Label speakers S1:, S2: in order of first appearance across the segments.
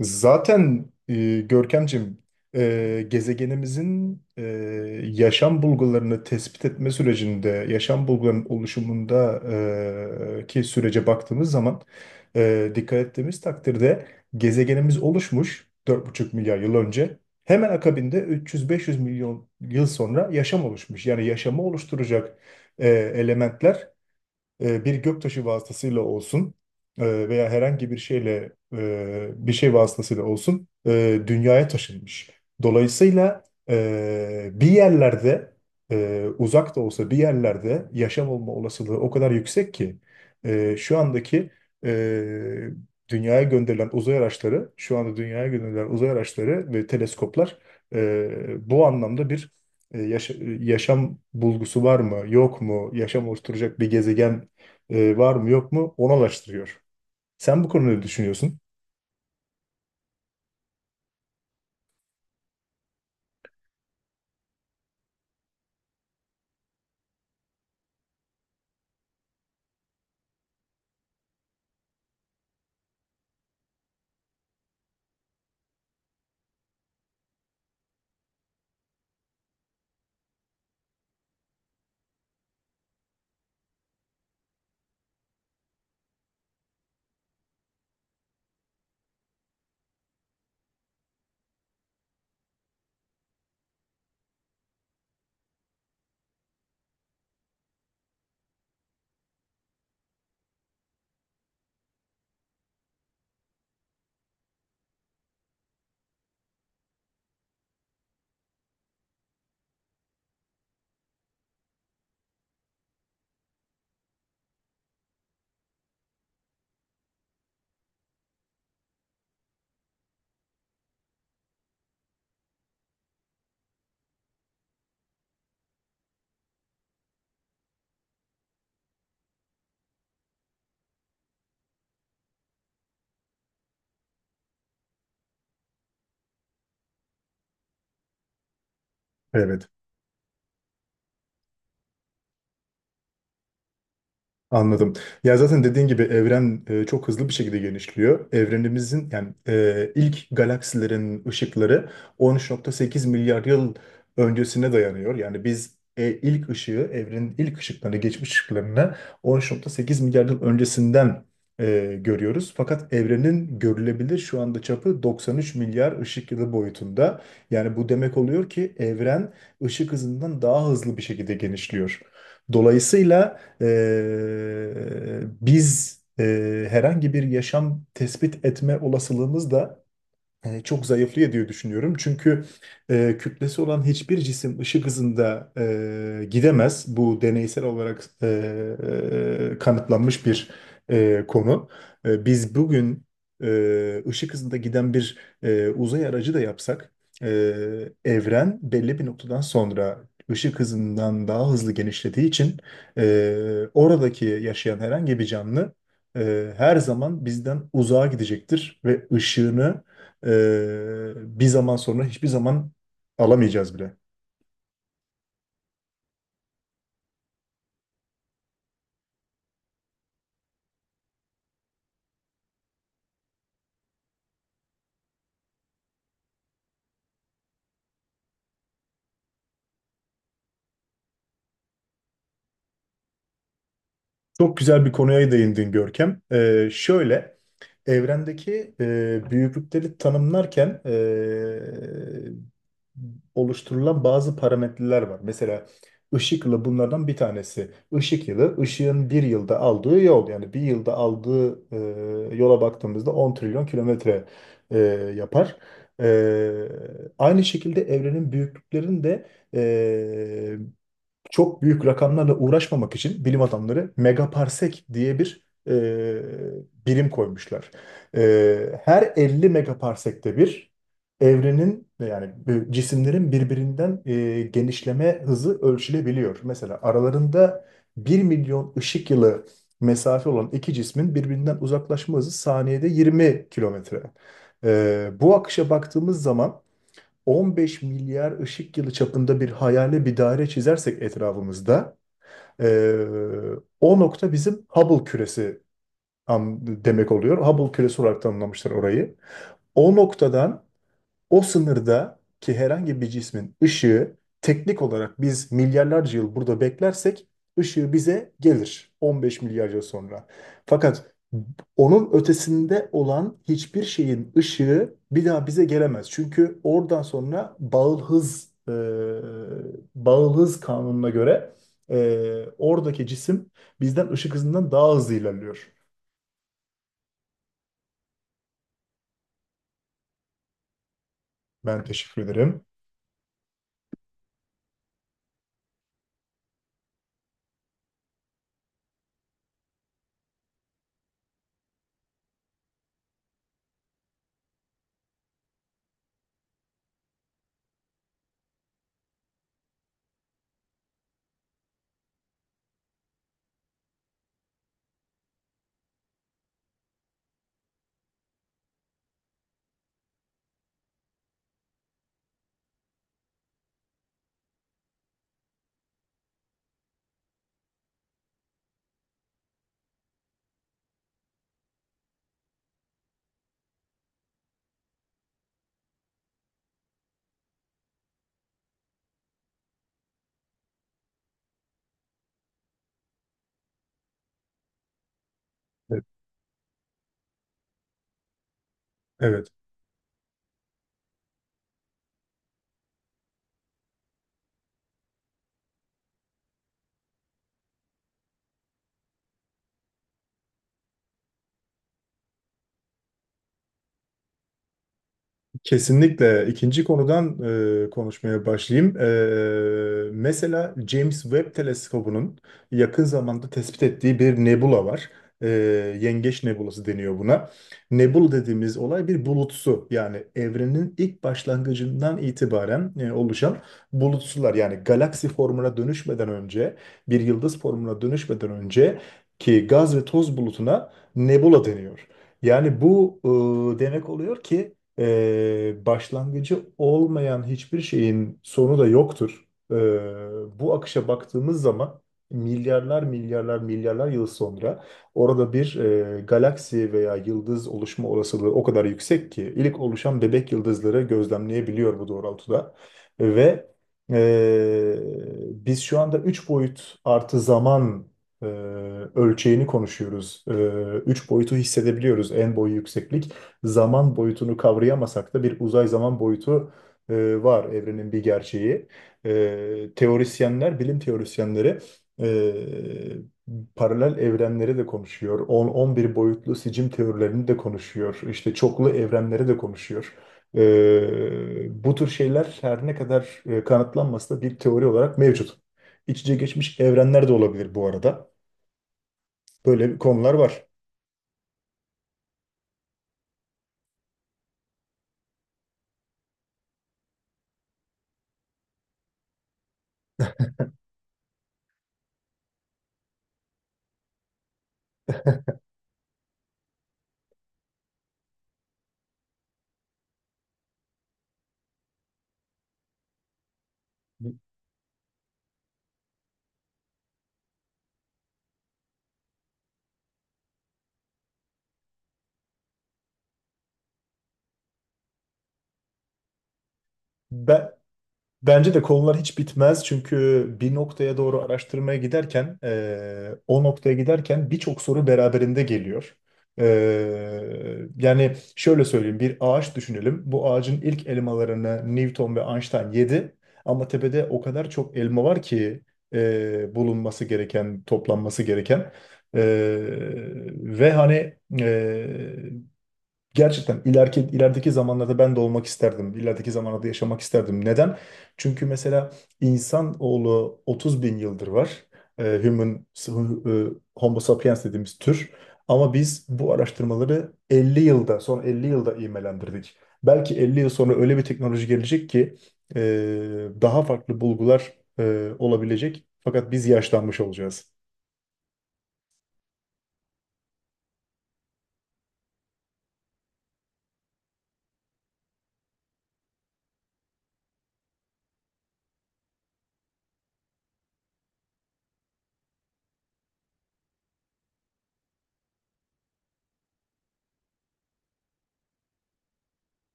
S1: Zaten Görkemciğim, gezegenimizin yaşam bulgularını tespit etme sürecinde, yaşam bulgularının oluşumunda, ki sürece baktığımız zaman, dikkat ettiğimiz takdirde gezegenimiz oluşmuş 4,5 milyar yıl önce. Hemen akabinde 300-500 milyon yıl sonra yaşam oluşmuş. Yani yaşamı oluşturacak elementler bir göktaşı vasıtasıyla olsun veya herhangi bir şeyle, bir şey vasıtasıyla olsun, dünyaya taşınmış. Dolayısıyla bir yerlerde, uzak da olsa bir yerlerde yaşam olma olasılığı o kadar yüksek ki şu andaki, e, dünyaya gönderilen uzay araçları, şu anda dünyaya gönderilen uzay araçları ve teleskoplar bu anlamda bir, e, yaşa- yaşam bulgusu var mı, yok mu, yaşam oluşturacak bir gezegen var mı yok mu onu araştırıyor. Sen bu konuda ne düşünüyorsun? Evet. Anladım. Ya zaten dediğin gibi evren çok hızlı bir şekilde genişliyor. Evrenimizin, yani ilk galaksilerin ışıkları 13.8 milyar yıl öncesine dayanıyor. Yani biz ilk ışığı, evrenin ilk ışıklarını, geçmiş ışıklarını 13.8 milyar yıl öncesinden görüyoruz. Fakat evrenin görülebilir şu anda çapı 93 milyar ışık yılı boyutunda. Yani bu demek oluyor ki evren ışık hızından daha hızlı bir şekilde genişliyor. Dolayısıyla biz, herhangi bir yaşam tespit etme olasılığımız da çok zayıflıyor diye düşünüyorum. Çünkü kütlesi olan hiçbir cisim ışık hızında gidemez. Bu deneysel olarak kanıtlanmış bir konu. Biz bugün ışık hızında giden bir uzay aracı da yapsak, e, evren belli bir noktadan sonra ışık hızından daha hızlı genişlediği için e, oradaki yaşayan herhangi bir canlı her zaman bizden uzağa gidecektir ve ışığını bir zaman sonra hiçbir zaman alamayacağız bile. Çok güzel bir konuya değindin, Görkem. Şöyle, evrendeki büyüklükleri tanımlarken oluşturulan bazı parametreler var. Mesela ışık yılı bunlardan bir tanesi. Işık yılı, ışığın bir yılda aldığı yol. Yani bir yılda aldığı yola baktığımızda 10 trilyon kilometre e, yapar. E, Aynı şekilde evrenin büyüklüklerinin de e, çok büyük rakamlarla uğraşmamak için bilim adamları megaparsek diye bir birim koymuşlar. Her 50 megaparsekte bir evrenin, yani bu cisimlerin birbirinden genişleme hızı ölçülebiliyor. Mesela aralarında 1 milyon ışık yılı mesafe olan iki cismin birbirinden uzaklaşma hızı saniyede 20 kilometre. Bu akışa baktığımız zaman 15 milyar ışık yılı çapında bir hayali bir daire çizersek etrafımızda, eee, o nokta bizim Hubble küresi demek oluyor. Hubble küresi olarak tanımlamışlar orayı. O noktadan, o sınırda ki herhangi bir cismin ışığı teknik olarak, biz milyarlarca yıl burada beklersek, ışığı bize gelir 15 milyar yıl sonra. Fakat onun ötesinde olan hiçbir şeyin ışığı bir daha bize gelemez. Çünkü oradan sonra bağıl hız, bağıl hız kanununa göre oradaki cisim bizden ışık hızından daha hızlı ilerliyor. Ben teşekkür ederim. Evet. Evet. Kesinlikle. İkinci konudan konuşmaya başlayayım. Mesela James Webb Teleskobu'nun yakın zamanda tespit ettiği bir nebula var. E, Yengeç Nebulası deniyor buna. Nebula dediğimiz olay bir bulutsu. Yani evrenin ilk başlangıcından itibaren oluşan bulutsular. Yani galaksi formuna dönüşmeden önce, bir yıldız formuna dönüşmeden önce, ki gaz ve toz bulutuna nebula deniyor. Yani bu demek oluyor ki başlangıcı olmayan hiçbir şeyin sonu da yoktur. Bu akışa baktığımız zaman, milyarlar milyarlar milyarlar yıl sonra orada bir galaksi veya yıldız oluşma olasılığı o kadar yüksek ki ilk oluşan bebek yıldızları gözlemleyebiliyor bu doğrultuda. Ve e, biz şu anda 3 boyut artı zaman e, ölçeğini konuşuyoruz. 3 boyutu hissedebiliyoruz, en, boyu, yükseklik; zaman boyutunu kavrayamasak da bir uzay zaman boyutu var, evrenin bir gerçeği. Teorisyenler, bilim teorisyenleri paralel evrenleri de konuşuyor. 10-11 boyutlu sicim teorilerini de konuşuyor. İşte çoklu evrenleri de konuşuyor. Bu tür şeyler her ne kadar kanıtlanmasa da bir teori olarak mevcut. İç içe geçmiş evrenler de olabilir bu arada. Böyle bir konular var. Ben Bence de konular hiç bitmez, çünkü bir noktaya doğru araştırmaya giderken, o noktaya giderken birçok soru beraberinde geliyor. Yani şöyle söyleyeyim, bir ağaç düşünelim. Bu ağacın ilk elmalarını Newton ve Einstein yedi, ama tepede o kadar çok elma var ki, bulunması gereken, toplanması gereken. Eee, ve hani Gerçekten ileriki, ilerideki zamanlarda ben de olmak isterdim. İlerideki zamanlarda yaşamak isterdim. Neden? Çünkü mesela insanoğlu 30 bin yıldır var. Homo sapiens dediğimiz tür. Ama biz bu araştırmaları 50 yılda, son 50 yılda imelendirdik. Belki 50 yıl sonra öyle bir teknoloji gelecek ki e, daha farklı bulgular olabilecek. Fakat biz yaşlanmış olacağız.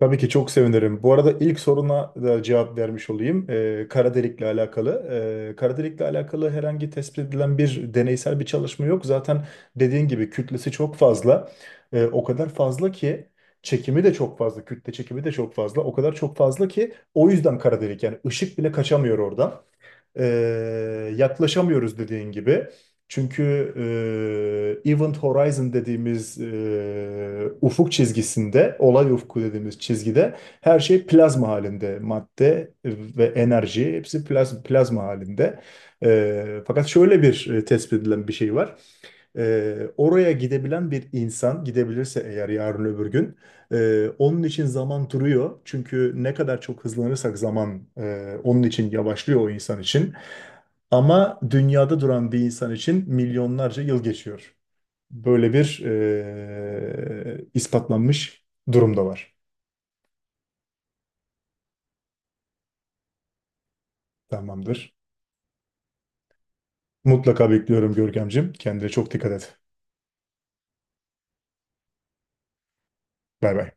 S1: Tabii ki çok sevinirim. Bu arada ilk soruna da cevap vermiş olayım. Kara delikle alakalı. Kara delikle alakalı herhangi tespit edilen bir deneysel bir çalışma yok. Zaten dediğin gibi kütlesi çok fazla. O kadar fazla ki çekimi de çok fazla, kütle çekimi de çok fazla. O kadar çok fazla ki, o yüzden kara delik, yani ışık bile kaçamıyor oradan, e, yaklaşamıyoruz dediğin gibi. Çünkü Event Horizon dediğimiz ufuk çizgisinde, olay ufku dediğimiz çizgide her şey plazma halinde. Madde ve enerji hepsi plazma halinde. Fakat şöyle bir tespit edilen bir şey var. Oraya gidebilen bir insan gidebilirse eğer, yarın öbür gün, onun için zaman duruyor. Çünkü ne kadar çok hızlanırsak zaman onun için yavaşlıyor, o insan için. Ama dünyada duran bir insan için milyonlarca yıl geçiyor. Böyle bir ispatlanmış durum da var. Tamamdır. Mutlaka bekliyorum, Görkemciğim. Kendine çok dikkat et. Bay bay.